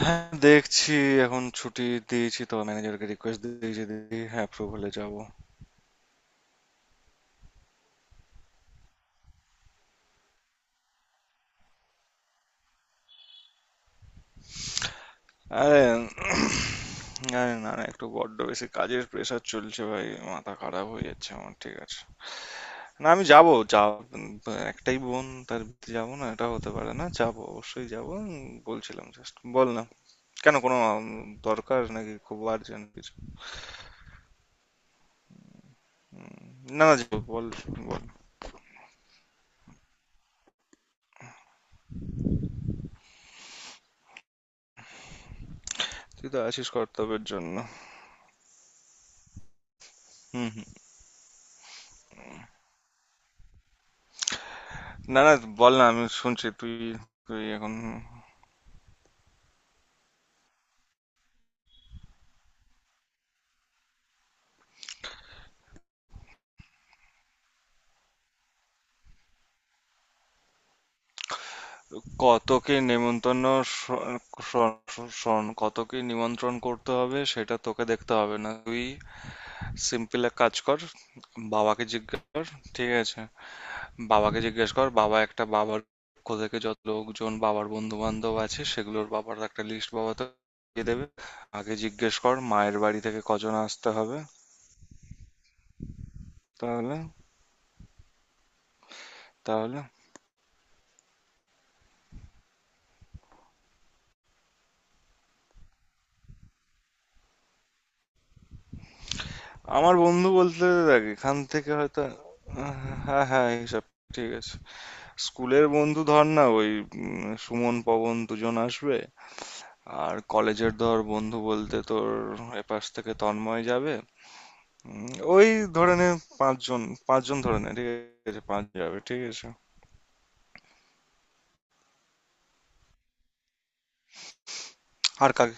হ্যাঁ, দেখছি। এখন ছুটি দিয়েছি তো, ম্যানেজারকে রিকোয়েস্ট দিয়েছি দিদি। হ্যাঁ, অ্যাপ্রুভালে যাব। আরে আরে, না, না, একটু বড্ড বেশি কাজের প্রেশার চলছে ভাই। মাথা খারাপ হয়ে যাচ্ছে আমার। ঠিক আছে, না, আমি যাব। যা, একটাই বোন, তার বিয়েতে যাব না এটা হতে পারে না। যাব, অবশ্যই যাব। বলছিলাম, জাস্ট বল না। কেন, কোনো দরকার নাকি? খুব আর্জেন্ট কিছু? না, না, যাবো, বল, বল। তুই তো আছিস কর্তব্যের জন্য। হুম, হুম। না, না, বল না, আমি শুনছি। তুই তুই এখন। কতকে নেমন্তন্ন? শোন, শোন, শোন, কতকে নিমন্ত্রণ করতে হবে সেটা তোকে দেখতে হবে না। তুই সিম্পল এক কাজ কর, বাবাকে জিজ্ঞেস কর। ঠিক আছে? বাবাকে জিজ্ঞেস কর, বাবা একটা, বাবার পক্ষ থেকে যত লোকজন বাবার বন্ধু বান্ধব আছে সেগুলোর বাবার একটা লিস্ট বাবা তো দিয়ে দেবে। আগে জিজ্ঞেস কর মায়ের বাড়ি থেকে কজন আসতে হবে। তাহলে তাহলে আমার বন্ধু বলতে দেখ, এখান থেকে হয়তো হ্যাঁ, হ্যাঁ, হিসাব। ঠিক আছে। স্কুলের বন্ধু ধর না, ওই সুমন, পবন, দুজন আসবে। আর কলেজের ধর, বন্ধু বলতে তোর এপাশ থেকে তন্ময় যাবে। উম, ওই, ধরে নে পাঁচজন। পাঁচজন ধরে নে। ঠিক আছে, পাঁচ যাবে। ঠিক আছে। আর কাকে?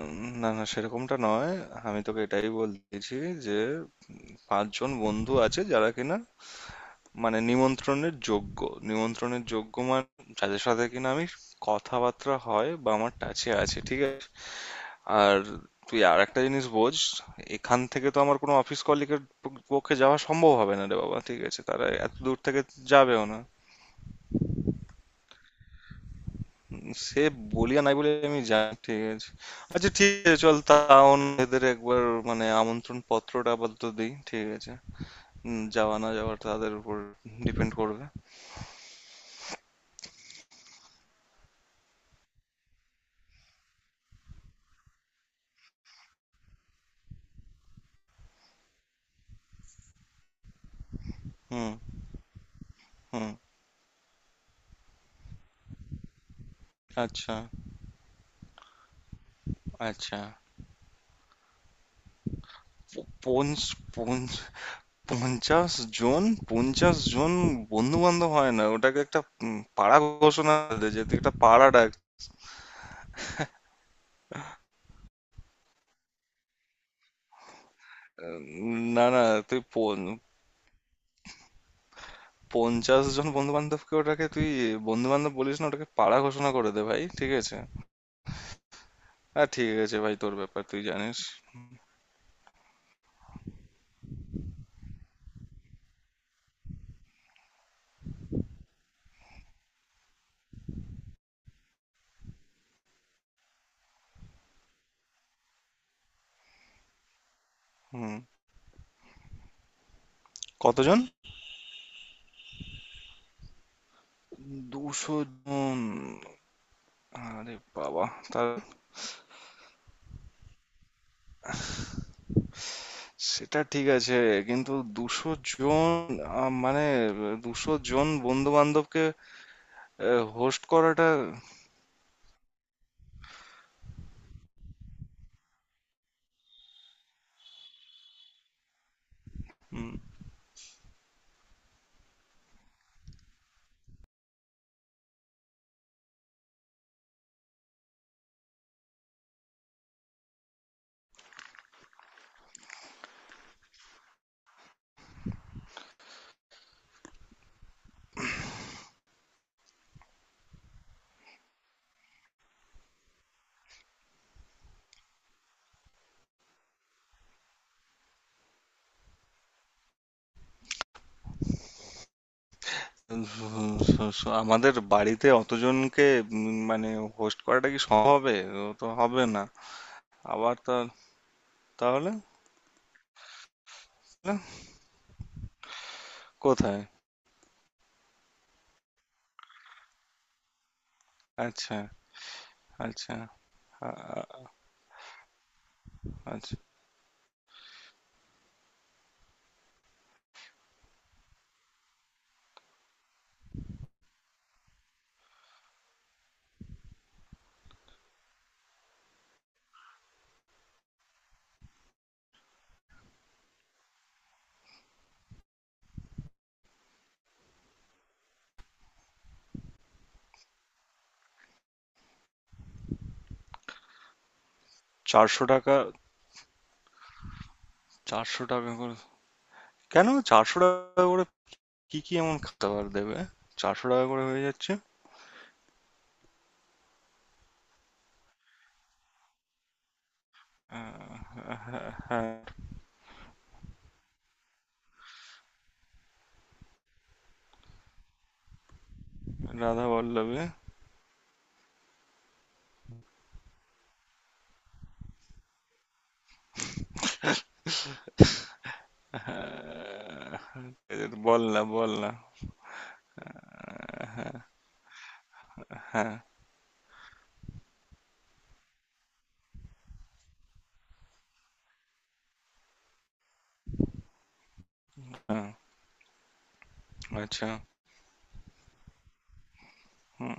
উম, না, না, সেরকমটা নয়। আমি তোকে এটাই বলতেছি যে পাঁচজন বন্ধু আছে যারা কিনা, মানে, নিমন্ত্রণের যোগ্য। নিমন্ত্রণের যোগ্য মানে, যাদের সাথে কিনা আমি কথাবার্তা হয় বা আমার টাচে আছে। ঠিক আছে। আর তুই আর একটা জিনিস বোঝ, এখান থেকে তো আমার কোনো অফিস কলিগের পক্ষে যাওয়া সম্ভব হবে না রে বাবা। ঠিক আছে? তারা এত দূর থেকে যাবেও না। সে বলি আর নাই বলে, আমি যাই। ঠিক আছে। আচ্ছা, ঠিক আছে, চল, তাও না, এদের একবার মানে আমন্ত্রণ পত্রটা আপাতত দিই। ঠিক আছে। যাওয়া না যাওয়া তাদের উপর ডিপেন্ড করবে। হুম, হুম। আচ্ছা, আচ্ছা। পঞ্চ পঞ্চ 50 জন? 50 জন বন্ধু বান্ধব হয় না, ওটাকে একটা পাড়া ঘোষণা দে, যে তুই একটা পাড়া ডাক। না, না, তুই 50 জন বন্ধু বান্ধবকে, ওটাকে তুই বন্ধু বান্ধব বলিস না, ওটাকে পাড়া ঘোষণা করে দে ভাই। ঠিক আছে। হ্যাঁ, ঠিক আছে ভাই, তোর ব্যাপার তুই জানিস। হুম। কতজন? 200 জন? আরে বাবা, তার সেটা ঠিক আছে, কিন্তু 200 জন মানে 200 জন বন্ধু বান্ধবকে হোস্ট করাটা উম, আমাদের বাড়িতে অতজনকে মানে হোস্ট করাটা কি সম্ভব হবে? ও তো হবে না। আবার তা, তাহলে কোথায়? আচ্ছা, আচ্ছা। আ- আ- আচ্ছা। 400 টাকা? 400 টাকা করে? কেন 400 টাকা করে? কি কি এমন খাবার দেবে 400 টাকা করে হয়ে যাচ্ছে? আহ, হ্যাঁ, হ্যাঁ, রাধা বল্লভে। হ্যাঁ, এদের বল না, বল না। হ্যাঁ, হ্যাঁ। আচ্ছা। হুম।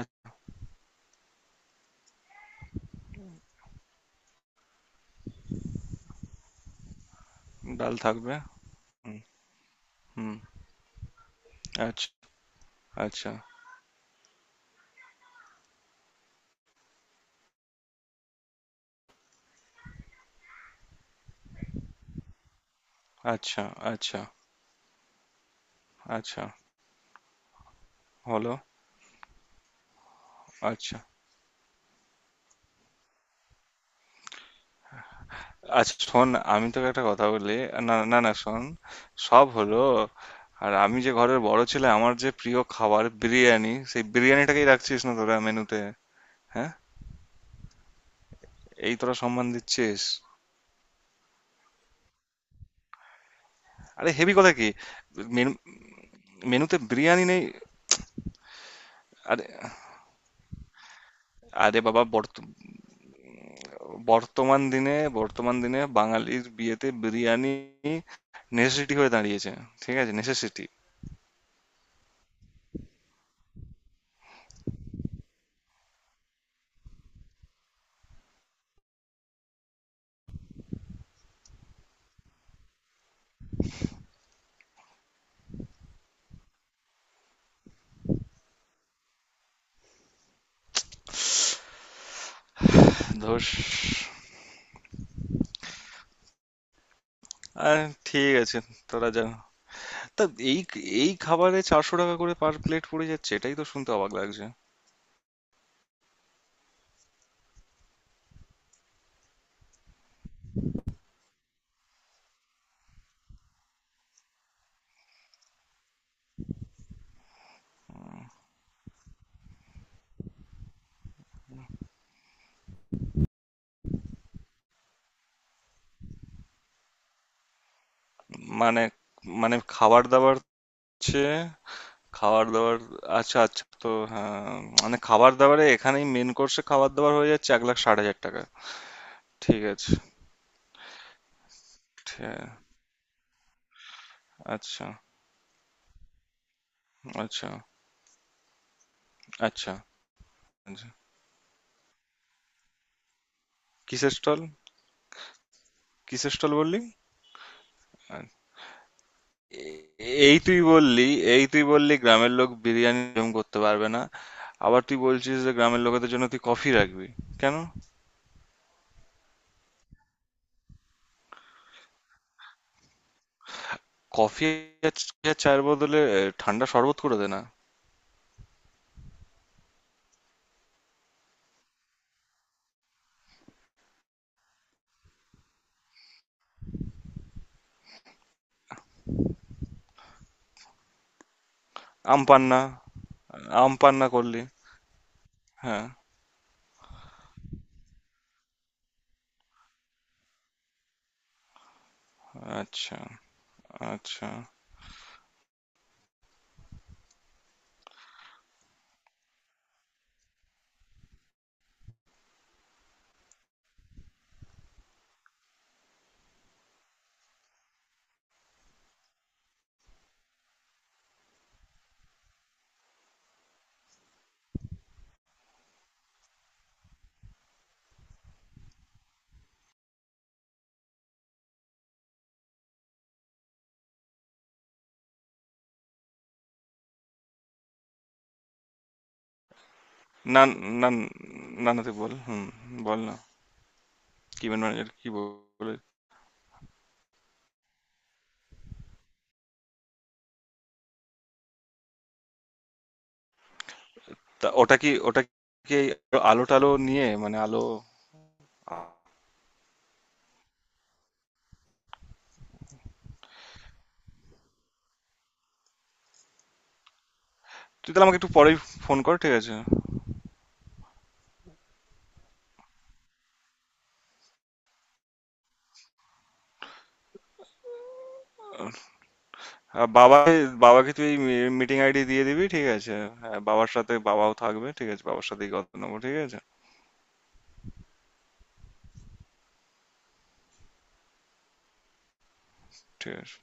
এক। ডাল থাকবে। হুম। হুম, আচ্ছা, আচ্ছা, আচ্ছা, আচ্ছা, আচ্ছা, হলো, আচ্ছা। আচ্ছা শোন, আমি তোকে একটা কথা বলি। না, না, না শোন, সব হলো। আর আমি যে ঘরের বড় ছেলে, আমার যে প্রিয় খাবার বিরিয়ানি, সেই বিরিয়ানিটাকেই রাখছিস না তোরা মেনুতে, হ্যাঁ? এই তোরা সম্মান দিচ্ছিস। আরে, হেভি কথা কি? মেনু মেনুতে বিরিয়ানি নেই। আরে, বাবা, বর্তমান দিনে, বর্তমান দিনে বাঙালির বিয়েতে বিরিয়ানি নেসেসিটি হয়ে দাঁড়িয়েছে। ঠিক আছে, নেসেসিটি। ধস। আহ, ঠিক আছে, তোরা যা। তা, এই এই খাবারে 400 টাকা করে পার প্লেট পড়ে যাচ্ছে, এটাই তো শুনতে অবাক লাগছে। মানে মানে খাবার দাবার হচ্ছে, খাবার দাবার। আচ্ছা, আচ্ছা, তো হ্যাঁ, মানে খাবার দাবারে এখানেই মেন কোর্সে খাবার দাবার হয়ে যাচ্ছে 1,60,000 টাকা। ঠিক আছে। ঠিক- আচ্ছা, আচ্ছা, আচ্ছা, আচ্ছা। কিসের স্টল? কিসের স্টল বললি? এ- এই তুই বললি, এই তুই বললি গ্রামের লোক বিরিয়ানি হজম করতে পারবে না। আবার তুই বলছিস যে গ্রামের লোকেদের জন্য তুই কফি রাখবি, কেন? কফি। আর আর চায়ের বদলে ঠান্ডা শরবত করে দে না। আম পান্না? আম পান্না করলি? হ্যাঁ। আচ্ছা, আচ্ছা। না, না, না, না, তুই বল। হুম, বল না। কি? ম্যানেজার কি বলে? তা ওটা কি, ওটা কি আলো টালো নিয়ে, মানে আলো? তুই তাহলে আমাকে একটু পরেই ফোন কর, ঠিক আছে? আর বাবা, বাবাকে তুই মিটিং আইডি দিয়ে দিবি, ঠিক আছে? হ্যাঁ, বাবার সাথে বাবাও থাকবে। ঠিক আছে, বাবার সাথেই কথা নেবো। ঠিক আছে। ঠিক আছে।